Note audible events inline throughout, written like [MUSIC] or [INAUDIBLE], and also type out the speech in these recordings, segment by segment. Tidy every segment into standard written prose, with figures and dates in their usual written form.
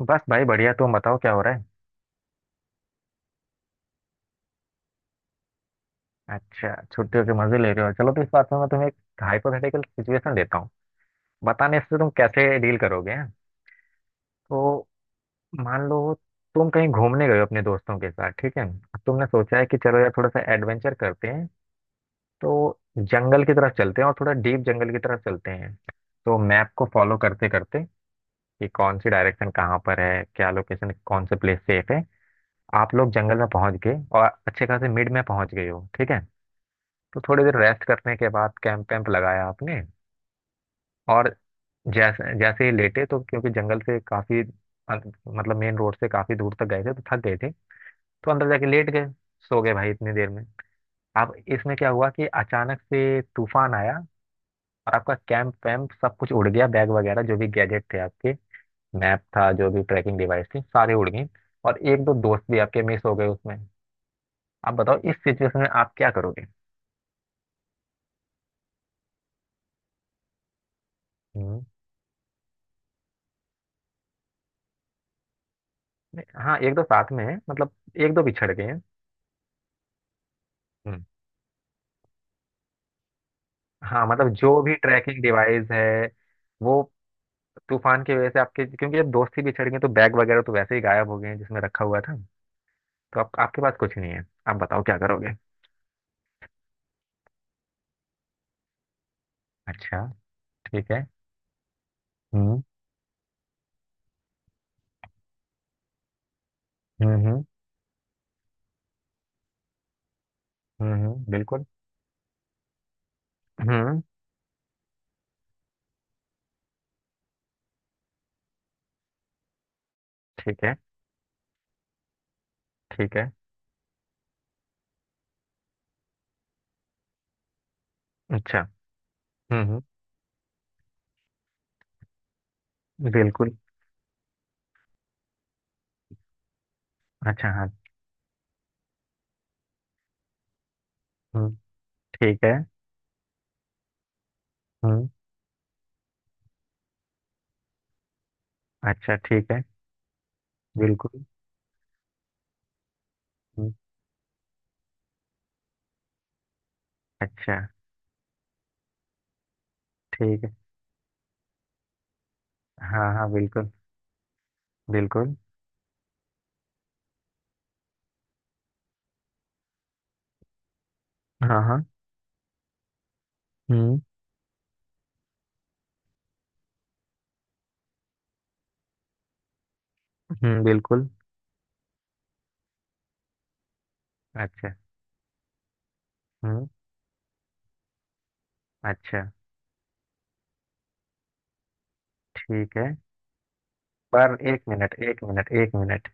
बस भाई बढ़िया। तुम बताओ क्या हो रहा है। अच्छा, छुट्टियों के मजे ले रहे हो। चलो तो इस बात में मैं तुम्हें एक हाइपोथेटिकल सिचुएशन देता हूँ, बताने से तुम कैसे डील करोगे हैं? तो मान लो, तुम कहीं घूमने गए हो अपने दोस्तों के साथ, ठीक है। अब तुमने सोचा है कि चलो यार थोड़ा सा एडवेंचर करते हैं, तो जंगल की तरफ चलते हैं और थोड़ा डीप जंगल की तरफ चलते हैं। तो मैप को फॉलो करते करते कि कौन सी डायरेक्शन कहाँ पर है, क्या लोकेशन, कौन से प्लेस सेफ है, आप लोग जंगल में पहुंच गए और अच्छे खासे मिड में पहुंच गए हो, ठीक है। तो थोड़ी देर रेस्ट करने के बाद कैंप वैम्प लगाया आपने और जैसे जैसे ही लेटे, तो क्योंकि जंगल से काफी मतलब मेन रोड से काफी दूर तक गए थे तो थक गए थे। तो अंदर जाके लेट गए, सो गए भाई। इतनी देर में अब इसमें क्या हुआ कि अचानक से तूफान आया और आपका कैंप वैम्प सब कुछ उड़ गया। बैग वगैरह जो भी गैजेट थे आपके, मैप था, जो भी ट्रैकिंग डिवाइस थी, सारे उड़ गए। और एक दो दोस्त भी आपके मिस हो गए उसमें। आप बताओ, इस सिचुएशन में आप क्या करोगे। हम्म। हाँ, एक दो साथ में है, मतलब एक दो बिछड़ गए हैं। हाँ, मतलब जो भी ट्रैकिंग डिवाइस है, वो तूफान की वजह से आपके, क्योंकि जब दोस्ती बिछड़ गई तो बैग वगैरह तो वैसे ही गायब हो गए हैं जिसमें रखा हुआ था। तो आप, आपके पास कुछ नहीं है, आप बताओ क्या करोगे। अच्छा। ठीक है। हम्म। हम्म। हम्म। हम्म, बिल्कुल। हम्म। ठीक है। ठीक है। अच्छा। हम्म। बिल्कुल। अच्छा, हाँ। हम्म। ठीक है। हम्म। अच्छा, ठीक है। बिल्कुल। हम्म। अच्छा, ठीक है। हाँ हाँ, बिल्कुल। बिल्कुल। हाँ हाँ। हम्म। हम्म, बिल्कुल। अच्छा। अच्छा, ठीक है। पर एक मिनट, एक मिनट, एक मिनट।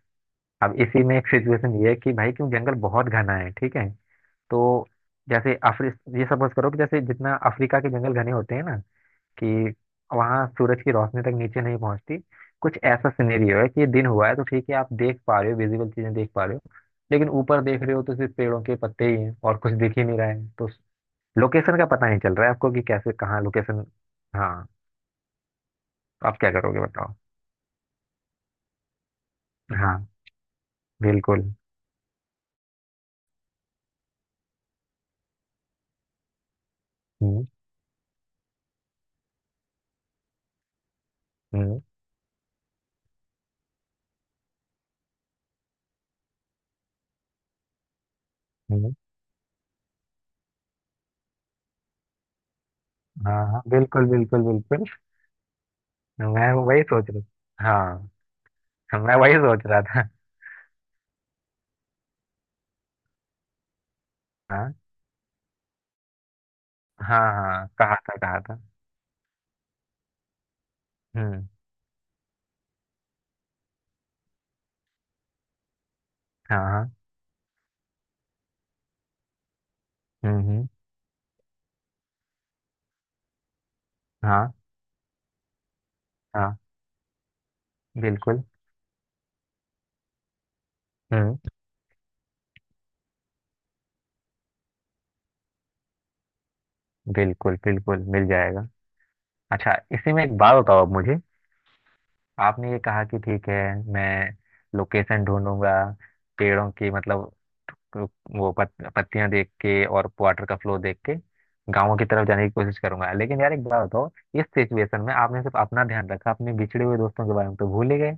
अब इसी में एक सिचुएशन ये है कि भाई क्यों जंगल बहुत घना है, ठीक है। तो जैसे अफ्री ये सपोज करो कि जैसे जितना अफ्रीका के जंगल घने होते हैं ना, कि वहाँ सूरज की रोशनी तक नीचे नहीं पहुँचती। कुछ ऐसा सिनेरियो है कि दिन हुआ है तो ठीक है, आप देख पा रहे हो, विजिबल चीजें देख पा रहे हो। लेकिन ऊपर देख रहे हो तो सिर्फ पेड़ों के पत्ते ही हैं और कुछ दिख ही नहीं रहा है, तो लोकेशन का पता नहीं चल रहा है आपको कि कैसे, कहाँ लोकेशन। हाँ, तो आप क्या करोगे बताओ। हाँ, बिल्कुल। हम्म। हम्म। हम्म। हाँ, हाँ बिल्कुल, बिल्कुल बिल्कुल। मैं वही सोच रहा था। हाँ। मैं वही सोच रहा था। हाँ हाँ हाँ, कहा था, कहा था। हम्म। हाँ। हाँ। हम्म। हाँ हाँ बिल्कुल। हम्म। बिल्कुल। बिल्कुल मिल जाएगा। अच्छा, इसी में एक बात बताओ अब मुझे। आपने ये कहा कि ठीक है, मैं लोकेशन ढूंढूंगा, पेड़ों की मतलब, तो वो पत्तियां देख के और वाटर का फ्लो देख के गाँव की तरफ जाने की कोशिश करूंगा। लेकिन यार एक बात बताओ, इस सिचुएशन में आपने सिर्फ अपना ध्यान रखा, अपने बिछड़े हुए दोस्तों के बारे में तो भूल ही गए।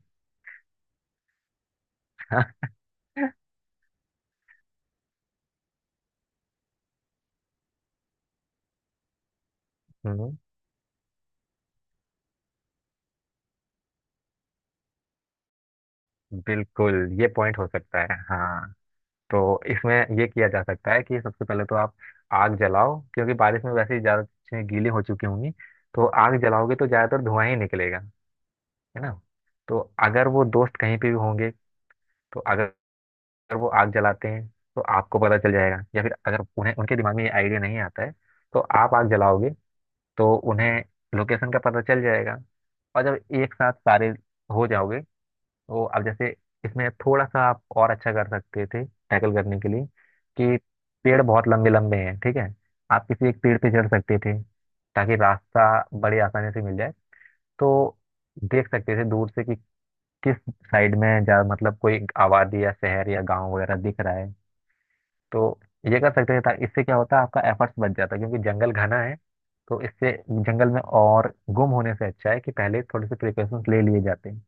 [LAUGHS] हम्म, बिल्कुल। ये पॉइंट हो सकता है, हाँ। तो इसमें ये किया जा सकता है कि सबसे पहले तो आप आग जलाओ, क्योंकि बारिश में वैसे ही ज्यादा चीजें गीली हो चुकी होंगी, तो आग जलाओगे तो ज्यादातर धुआं ही निकलेगा, है ना। तो अगर वो दोस्त कहीं पे भी होंगे, तो अगर, अगर वो आग जलाते हैं तो आपको पता चल जाएगा, या फिर अगर उन्हें, उनके दिमाग में ये आइडिया नहीं आता है तो आप आग जलाओगे तो उन्हें लोकेशन का पता चल जाएगा। और जब एक साथ सारे हो जाओगे, तो अब जैसे, इसमें थोड़ा सा आप और अच्छा कर सकते थे टैकल करने के लिए कि पेड़ बहुत लंबे लंबे हैं, ठीक है। आप किसी एक पेड़ पे चढ़ सकते थे ताकि रास्ता बड़ी आसानी से मिल जाए। तो देख सकते थे दूर से कि किस साइड में जा, मतलब कोई आबादी या शहर या गांव वगैरह दिख रहा है। तो ये कर सकते हैं। इससे क्या होता है, आपका एफर्ट्स बच जाता है, क्योंकि जंगल घना है। तो इससे जंगल में और गुम होने से अच्छा है कि पहले थोड़े से प्रिकॉशंस ले लिए जाते हैं।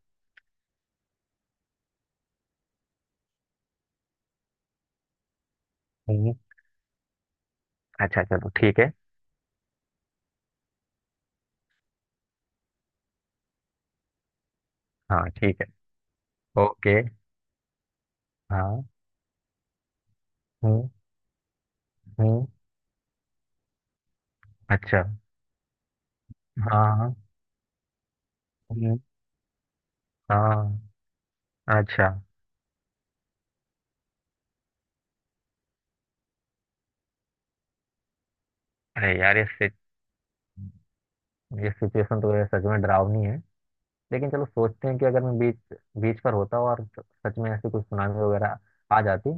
हम्म। हम्म। अच्छा चलो, ठीक है। हाँ ठीक है। ओके। हाँ। हम्म। हम्म। अच्छा। हाँ हाँ। हम्म, हाँ। अच्छा। अरे यार ये सिचुएशन तो यार सच में डरावनी है। लेकिन चलो सोचते हैं कि अगर मैं बीच बीच पर होता और सच में ऐसी कोई सुनामी वगैरह आ जाती,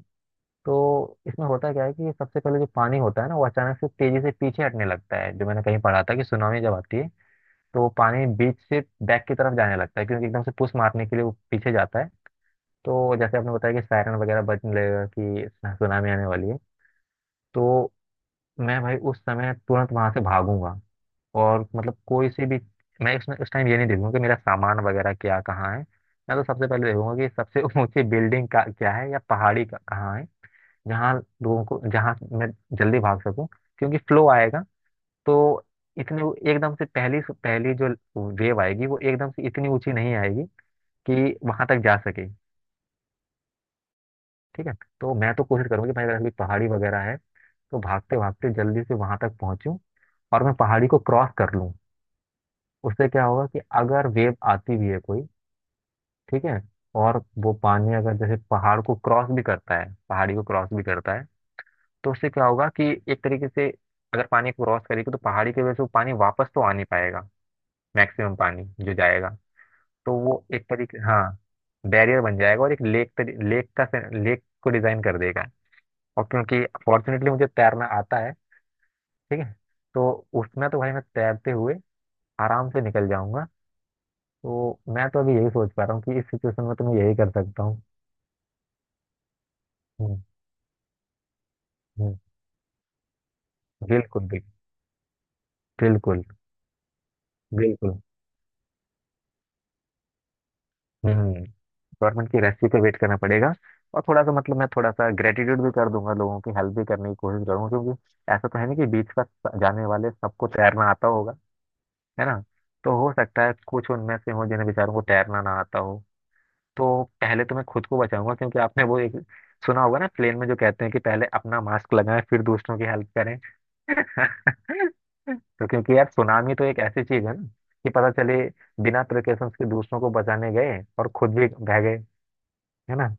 तो इसमें होता क्या है कि सबसे पहले जो पानी होता है ना, वो अचानक से तेजी से पीछे हटने लगता है। जो मैंने कहीं पढ़ा था कि सुनामी जब आती है, तो वो पानी बीच से बैक की तरफ जाने लगता है, क्योंकि एकदम से पुश मारने के लिए वो पीछे जाता है। तो जैसे आपने बताया कि सायरन वगैरह बजने लगेगा कि सुनामी आने वाली है, तो मैं भाई उस समय तुरंत वहां से भागूंगा। और मतलब कोई से भी, मैं उस टाइम ये नहीं देखूंगा कि मेरा सामान वगैरह क्या, कहाँ है। मैं तो सबसे पहले देखूंगा कि सबसे [LAUGHS] ऊंची बिल्डिंग का क्या है या पहाड़ी का कहाँ है, जहाँ लोगों को, जहाँ मैं जल्दी भाग सकूं। क्योंकि फ्लो आएगा तो इतने वो एकदम से पहली पहली जो वेव आएगी, वो एकदम से इतनी ऊंची नहीं आएगी कि वहां तक जा सके, ठीक है। तो मैं तो कोशिश करूंगी भाई, अगर कोई पहाड़ी वगैरह है तो भागते भागते जल्दी से वहां तक पहुंचूं और मैं पहाड़ी को क्रॉस कर लूं। उससे क्या होगा कि अगर वेव आती भी है कोई, ठीक है, और वो पानी अगर जैसे पहाड़ को क्रॉस भी करता है, पहाड़ी को क्रॉस भी करता है, तो उससे क्या होगा कि एक तरीके से, अगर पानी क्रॉस करेगी तो पहाड़ी की वजह से वो पानी वापस तो आ नहीं पाएगा। मैक्सिमम पानी जो जाएगा, तो वो एक तरीके, हाँ, बैरियर बन जाएगा और एक लेक लेक का, लेक को डिजाइन कर देगा। और क्योंकि फॉर्चुनेटली मुझे तैरना आता है, ठीक है, तो उसमें तो भाई मैं तैरते हुए आराम से निकल जाऊंगा। तो मैं तो अभी यही सोच पा रहा हूँ कि इस सिचुएशन में तो मैं यही कर सकता हूँ। हम्म, हम्म, बिल्कुल बिल्कुल। बिल्कुल। बिल्कुल। हम्म। गवर्नमेंट की रेस्क्यू पे वेट करना पड़ेगा। और थोड़ा सा, मतलब मैं थोड़ा सा ग्रेटिट्यूड भी कर दूंगा, लोगों की हेल्प भी करने की कोशिश करूंगा, क्योंकि ऐसा तो है नहीं कि बीच का जाने वाले सबको तैरना आता होगा, है ना। तो हो सकता है कुछ उनमें से हो जिन्हें, बेचारों को तैरना ना आता हो। तो पहले तो मैं खुद को बचाऊंगा, क्योंकि आपने वो एक सुना होगा ना, प्लेन में जो कहते हैं कि पहले अपना मास्क लगाएं फिर दूसरों की हेल्प करें। [LAUGHS] तो क्योंकि यार सुनामी तो एक ऐसी चीज है ना, कि पता चले बिना प्रिकॉशंस के दूसरों को बचाने गए और खुद भी बह गए, है ना।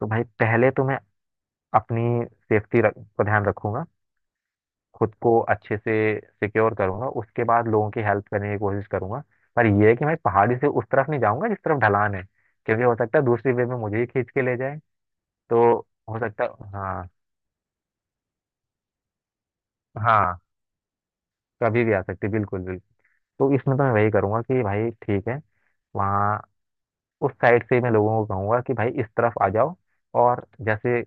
तो भाई पहले तो मैं अपनी सेफ्टी रख को ध्यान रखूंगा, खुद को अच्छे से सिक्योर करूंगा, उसके बाद लोगों की हेल्प करने की कोशिश करूंगा। पर यह है कि मैं पहाड़ी से उस तरफ नहीं जाऊंगा जिस तरफ ढलान है, क्योंकि हो सकता है दूसरी वे में मुझे ही खींच के ले जाए। तो हो सकता है, हाँ। हाँ कभी भी आ सकती है, बिल्कुल बिल्कुल। तो इसमें तो मैं वही करूंगा कि भाई ठीक है, वहाँ उस साइड से मैं लोगों को कहूंगा कि भाई इस तरफ आ जाओ। और जैसे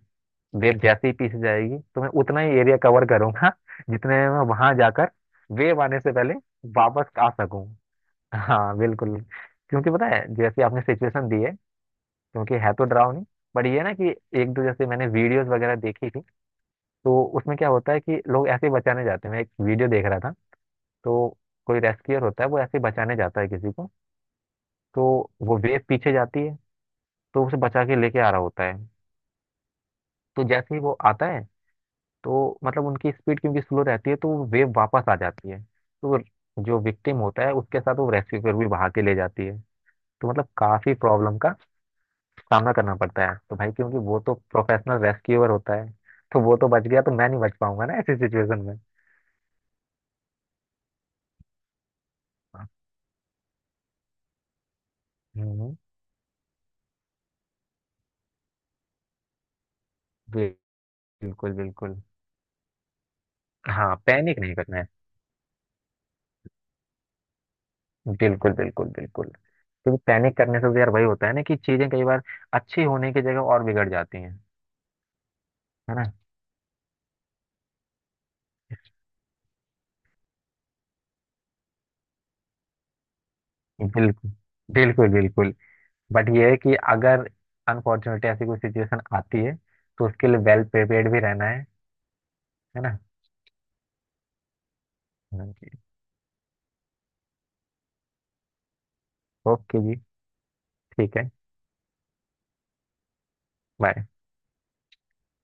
वेव जैसे ही पीछे जाएगी, तो मैं उतना ही एरिया कवर करूंगा जितने में मैं वहां जाकर वेव आने से पहले वापस आ सकूं। हाँ, बिल्कुल। क्योंकि पता है, जैसे आपने सिचुएशन दी है, क्योंकि है तो डरावनी, बट ये ना कि, एक दो जैसे मैंने वीडियोस वगैरह देखी थी, तो उसमें क्या होता है कि लोग ऐसे ही बचाने जाते हैं। मैं एक वीडियो देख रहा था, तो कोई रेस्क्यूअर होता है, वो ऐसे ही बचाने जाता है किसी को। तो वो वेव पीछे जाती है, तो उसे बचा के लेके आ रहा होता है। तो जैसे ही वो आता है, तो मतलब उनकी स्पीड क्योंकि स्लो रहती है, तो वो वेव वापस आ जाती है, तो जो विक्टिम होता है, उसके साथ वो रेस्क्यू भी बहा के ले जाती है। तो मतलब काफी प्रॉब्लम का सामना करना पड़ता है। तो भाई क्योंकि वो तो प्रोफेशनल रेस्क्यूअर होता है, तो वो तो बच गया, तो मैं नहीं बच पाऊंगा ना ऐसी सिचुएशन में। हाँ, हम्म। बिल- बिल्कुल, बिल्कुल। हाँ, पैनिक नहीं करना है। बिल्कुल, बिल्कुल, बिल्कुल, क्योंकि पैनिक करने से तो यार वही होता है ना कि चीजें कई बार अच्छी होने की जगह और बिगड़ जाती हैं, है ना। बिल्कुल, बिल्कुल। बिल्कुल बट ये है कि अगर अनफॉर्चुनेटली ऐसी कोई सिचुएशन आती है, तो उसके लिए वेल प्रिपेयर्ड भी रहना है ना। हाँ जी। ओके जी। ठीक है। bye।